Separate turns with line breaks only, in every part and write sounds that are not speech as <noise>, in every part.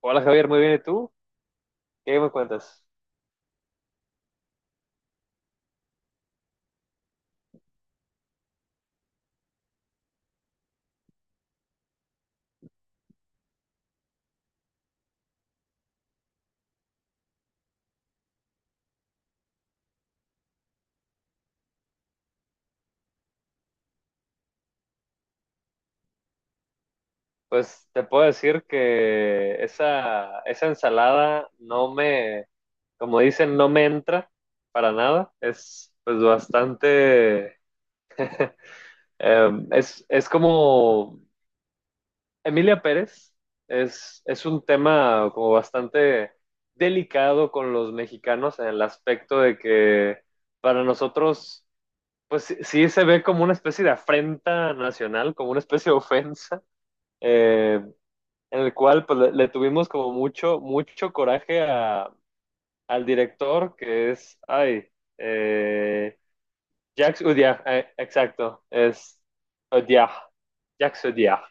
Hola Javier, muy bien. ¿Y tú? ¿Qué me cuentas? Pues te puedo decir que esa ensalada no me, como dicen, no me entra para nada. Es pues bastante, es como Emilia Pérez, es un tema como bastante delicado con los mexicanos en el aspecto de que para nosotros, pues sí se ve como una especie de afrenta nacional, como una especie de ofensa. Eh, en el cual pues le tuvimos como mucho, mucho coraje a, al director, que es, ay, eh, Jacques Audiard, exacto, es Audiard, Jacques Audiard.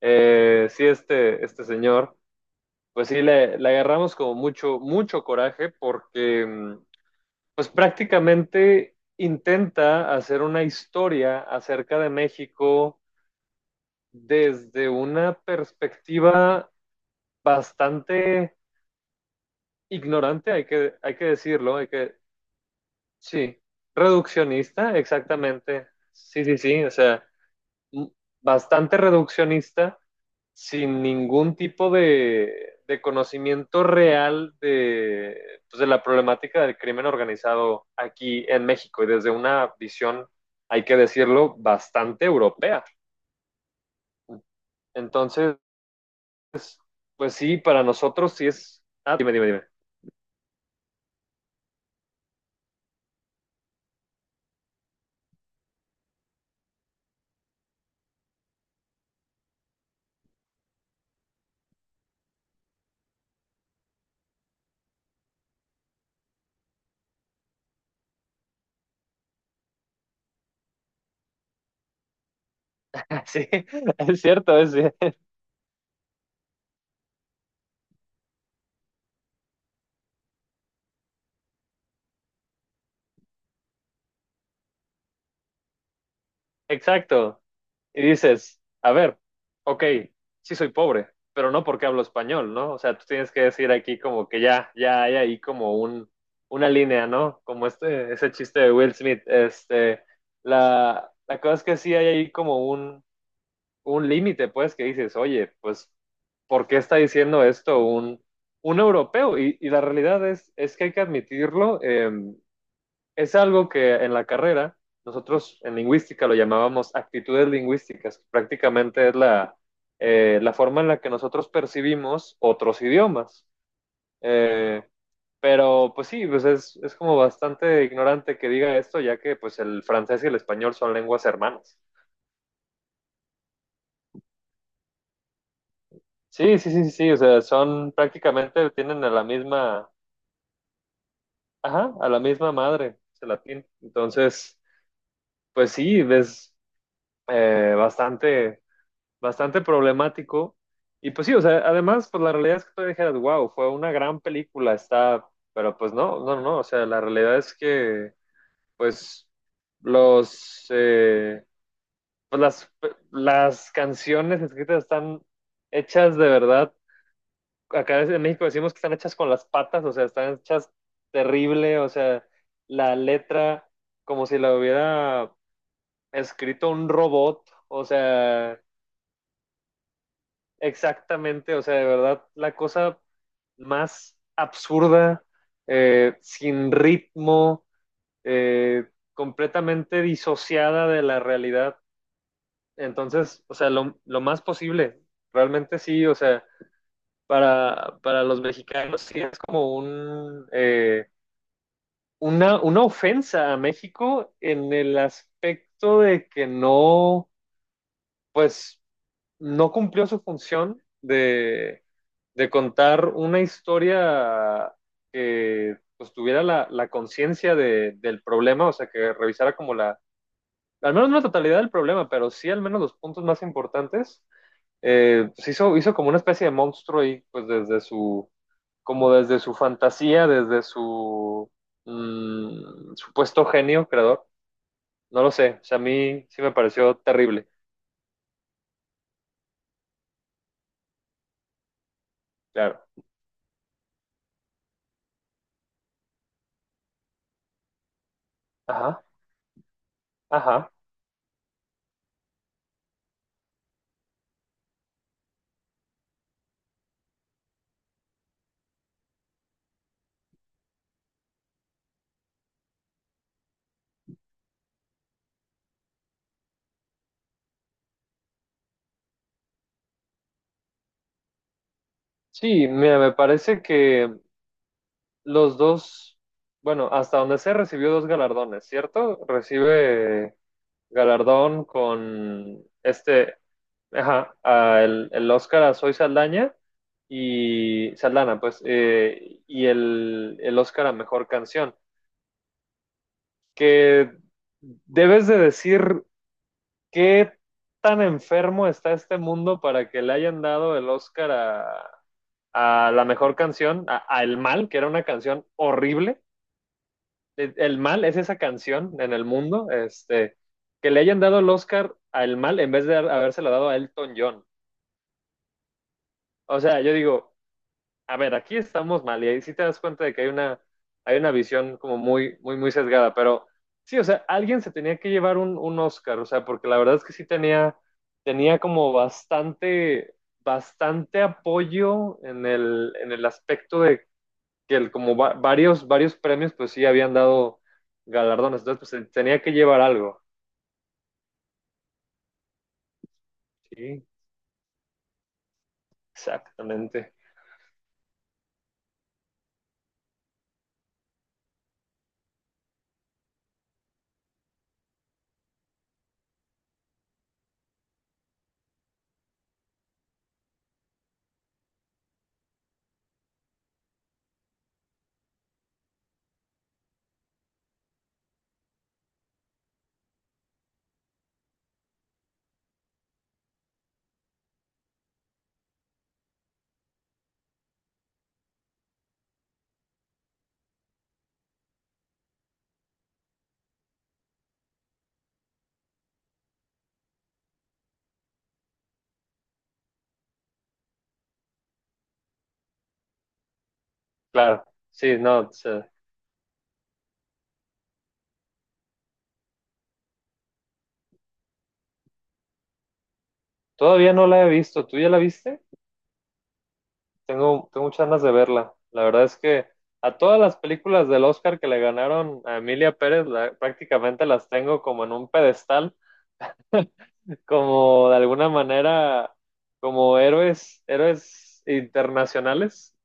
Sí, este señor, pues sí, le agarramos como mucho, mucho coraje porque, pues prácticamente intenta hacer una historia acerca de México desde una perspectiva bastante ignorante, hay que decirlo, hay que, sí, reduccionista, exactamente, sí, sí, sí, o sea, m- bastante reduccionista, sin ningún tipo de conocimiento real de, pues, de la problemática del crimen organizado aquí en México y desde una visión, hay que decirlo, bastante europea. Entonces, pues sí, para nosotros sí es... Ah, dime, dime, dime. <laughs> Sí, es cierto, es, exacto. Y dices, a ver, ok, sí soy pobre, pero no porque hablo español, ¿no? O sea, tú tienes que decir aquí como que ya, ya hay ahí como un, una línea, ¿no? Como este, ese chiste de Will Smith. Este, la cosa es que sí hay ahí como un límite, pues, que dices, oye, pues, ¿por qué está diciendo esto un europeo? Y la realidad es que hay que admitirlo. Es algo que en la carrera nosotros en lingüística lo llamábamos actitudes lingüísticas, prácticamente es la, la forma en la que nosotros percibimos otros idiomas. Eh, pero pues sí, pues es como bastante ignorante que diga esto, ya que pues el francés y el español son lenguas hermanas. Sí, sí, sí, sí, sí, o sea, son prácticamente, tienen a la misma, ajá, a la misma madre, el latín. Entonces, pues sí, es bastante problemático. Y pues sí, o sea, además, pues la realidad es que tú dijeras, wow, fue una gran película, está, pero pues no, no, no, no, o sea, la realidad es que, pues, los, eh, pues las canciones escritas están hechas de verdad, acá en México decimos que están hechas con las patas, o sea, están hechas terrible, o sea, la letra como si la hubiera escrito un robot, o sea, exactamente, o sea, de verdad, la cosa más absurda, sin ritmo, completamente disociada de la realidad. Entonces, o sea, lo más posible, realmente sí, o sea, para los mexicanos sí es como un, una ofensa a México en el aspecto de que no, pues no cumplió su función de contar una historia que pues, tuviera la, la conciencia de- del problema, o sea, que revisara como la, al menos no la totalidad del problema, pero sí al menos los puntos más importantes, pues hizo, hizo como una especie de monstruo y pues desde su, como desde su fantasía, desde su supuesto genio creador, no lo sé, o sea, a mí sí me pareció terrible, claro. Ajá, ajá. Sí, mira, me parece que los dos, bueno, hasta donde sé, recibió dos galardones, ¿cierto? Recibe galardón con este, ajá, a el Oscar a Soy Saldaña y Saldana, pues, y el Oscar a Mejor Canción, que debes de decir qué tan enfermo está este mundo para que le hayan dado el Oscar a la mejor canción, a, El Mal, que era una canción horrible. E, El Mal es esa canción en el mundo, este, que le hayan dado el Oscar a El Mal en vez de habérselo dado a Elton John. O sea, yo digo, a ver, aquí estamos mal y ahí sí te das cuenta de que hay una visión como muy, muy, muy sesgada, pero sí, o sea, alguien se tenía que llevar un Oscar, o sea, porque la verdad es que sí tenía, tenía como bastante, bastante apoyo en el aspecto de que el, como varios, varios premios, pues sí habían dado galardones, entonces pues tenía que llevar algo. Sí, exactamente. Claro, sí, no, o sea, todavía no la he visto. ¿Tú ya la viste? Tengo muchas ganas de verla. La verdad es que a todas las películas del Oscar que le ganaron a Emilia Pérez, prácticamente las tengo como en un pedestal, <laughs> como de alguna manera, como héroes, héroes internacionales.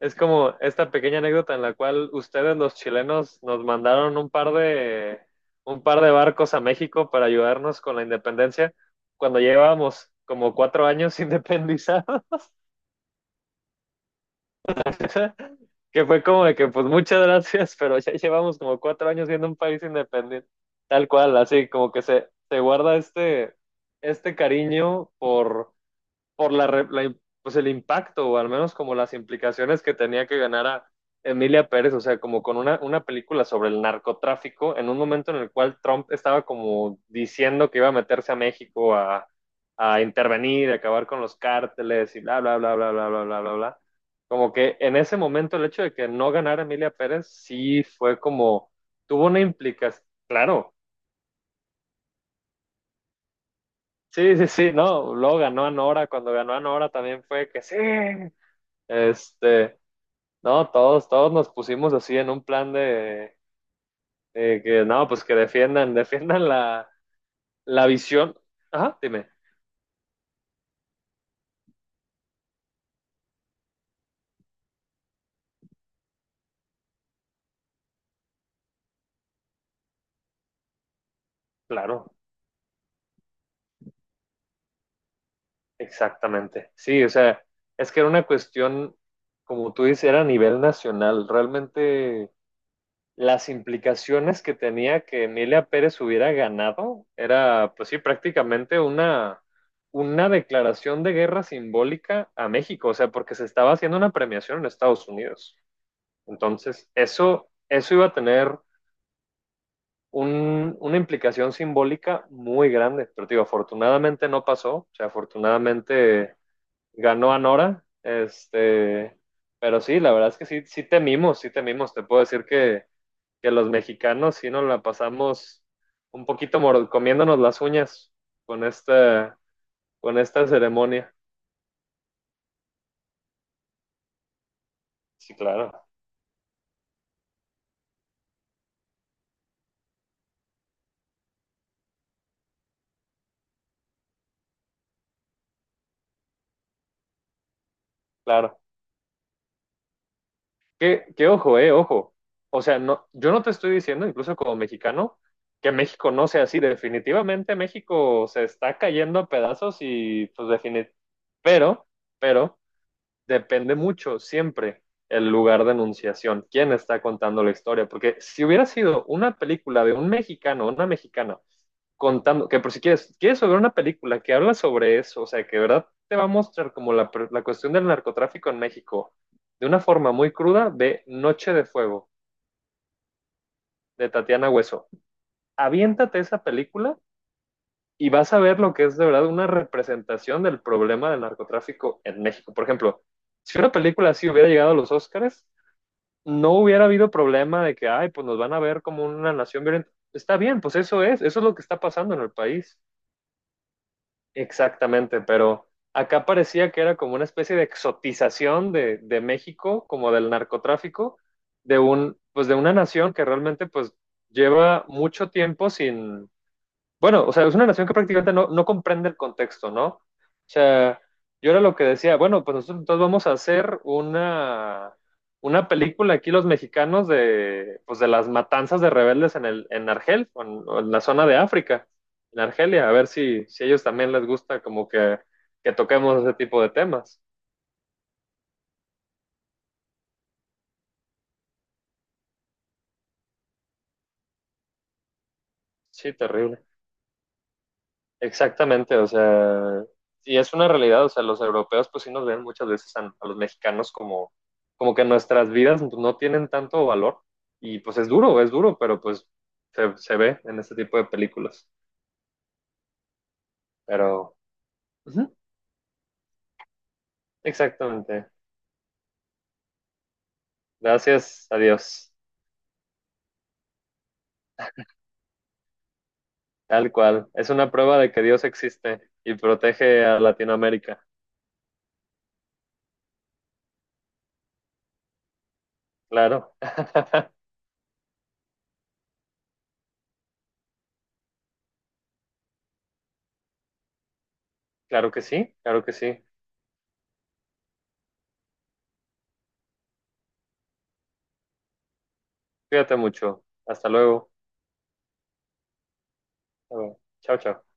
Es como esta pequeña anécdota en la cual ustedes, los chilenos, nos mandaron un par de barcos a México para ayudarnos con la independencia cuando llevábamos como 4 años independizados, <laughs> que fue como de que, pues muchas gracias, pero ya llevamos como 4 años siendo un país independiente, tal cual, así como que se guarda este, este cariño por pues el impacto, o al menos como las implicaciones que tenía que ganar a Emilia Pérez, o sea, como con una película sobre el narcotráfico, en un momento en el cual Trump estaba como diciendo que iba a meterse a México a intervenir, a acabar con los cárteles y bla, bla, bla, bla, bla, bla, bla, bla, bla. Como que en ese momento el hecho de que no ganara Emilia Pérez sí fue como, tuvo una implicación, claro. Sí, sí, sí, no, luego ganó a Nora, cuando ganó a Nora también fue que sí, este, no, todos, todos nos pusimos así en un plan de que no, pues que defiendan, <laughs> defiendan la, la visión. Ajá, dime. Claro, exactamente. Sí, o sea, es que era una cuestión, como tú dices, era a nivel nacional. Realmente las implicaciones que tenía que Emilia Pérez hubiera ganado era, pues sí, prácticamente una declaración de guerra simbólica a México, o sea, porque se estaba haciendo una premiación en Estados Unidos. Entonces, eso iba a tener una implicación simbólica muy grande, pero digo, afortunadamente no pasó, o sea, afortunadamente ganó Anora, este, pero sí, la verdad es que sí, sí temimos, te puedo decir que los mexicanos sí nos la pasamos un poquito comiéndonos las uñas con esta, con esta ceremonia. Sí, claro, claro. Que ojo, ojo. O sea, no, yo no te estoy diciendo, incluso como mexicano, que México no sea así. Definitivamente México se está cayendo a pedazos y pues definitivamente. Pero, pero, depende mucho siempre el lugar de enunciación, quién está contando la historia. Porque si hubiera sido una película de un mexicano, una mexicana, contando, que por si quieres, quieres ver una película que habla sobre eso, o sea, que de verdad te va a mostrar como la cuestión del narcotráfico en México de una forma muy cruda, de Noche de Fuego de Tatiana Hueso. Aviéntate esa película y vas a ver lo que es de verdad una representación del problema del narcotráfico en México. Por ejemplo, si una película así hubiera llegado a los Oscars, no hubiera habido problema de que, ay, pues nos van a ver como una nación violenta. Está bien, pues eso es lo que está pasando en el país. Exactamente, pero acá parecía que era como una especie de exotización de México, como del narcotráfico, de un, pues de una nación que realmente pues lleva mucho tiempo bueno, o sea, es una nación que prácticamente no, no comprende el contexto, ¿no? O sea, yo era lo que decía, bueno, pues nosotros entonces vamos a hacer una película aquí los mexicanos de, pues de las matanzas de rebeldes en, el, en Argel, o en la zona de África, en Argelia, a ver si, si a ellos también les gusta como que toquemos ese tipo de temas. Sí, terrible. Exactamente, o sea, y es una realidad, o sea, los europeos pues sí nos ven muchas veces a los mexicanos como, como que nuestras vidas no tienen tanto valor y pues es duro, pero pues se ve en este tipo de películas. Pero, ujú, exactamente, gracias a Dios, tal cual, es una prueba de que Dios existe y protege a Latinoamérica, claro, <laughs> claro que sí, cuídate mucho, hasta luego, hasta luego. Chao, chao.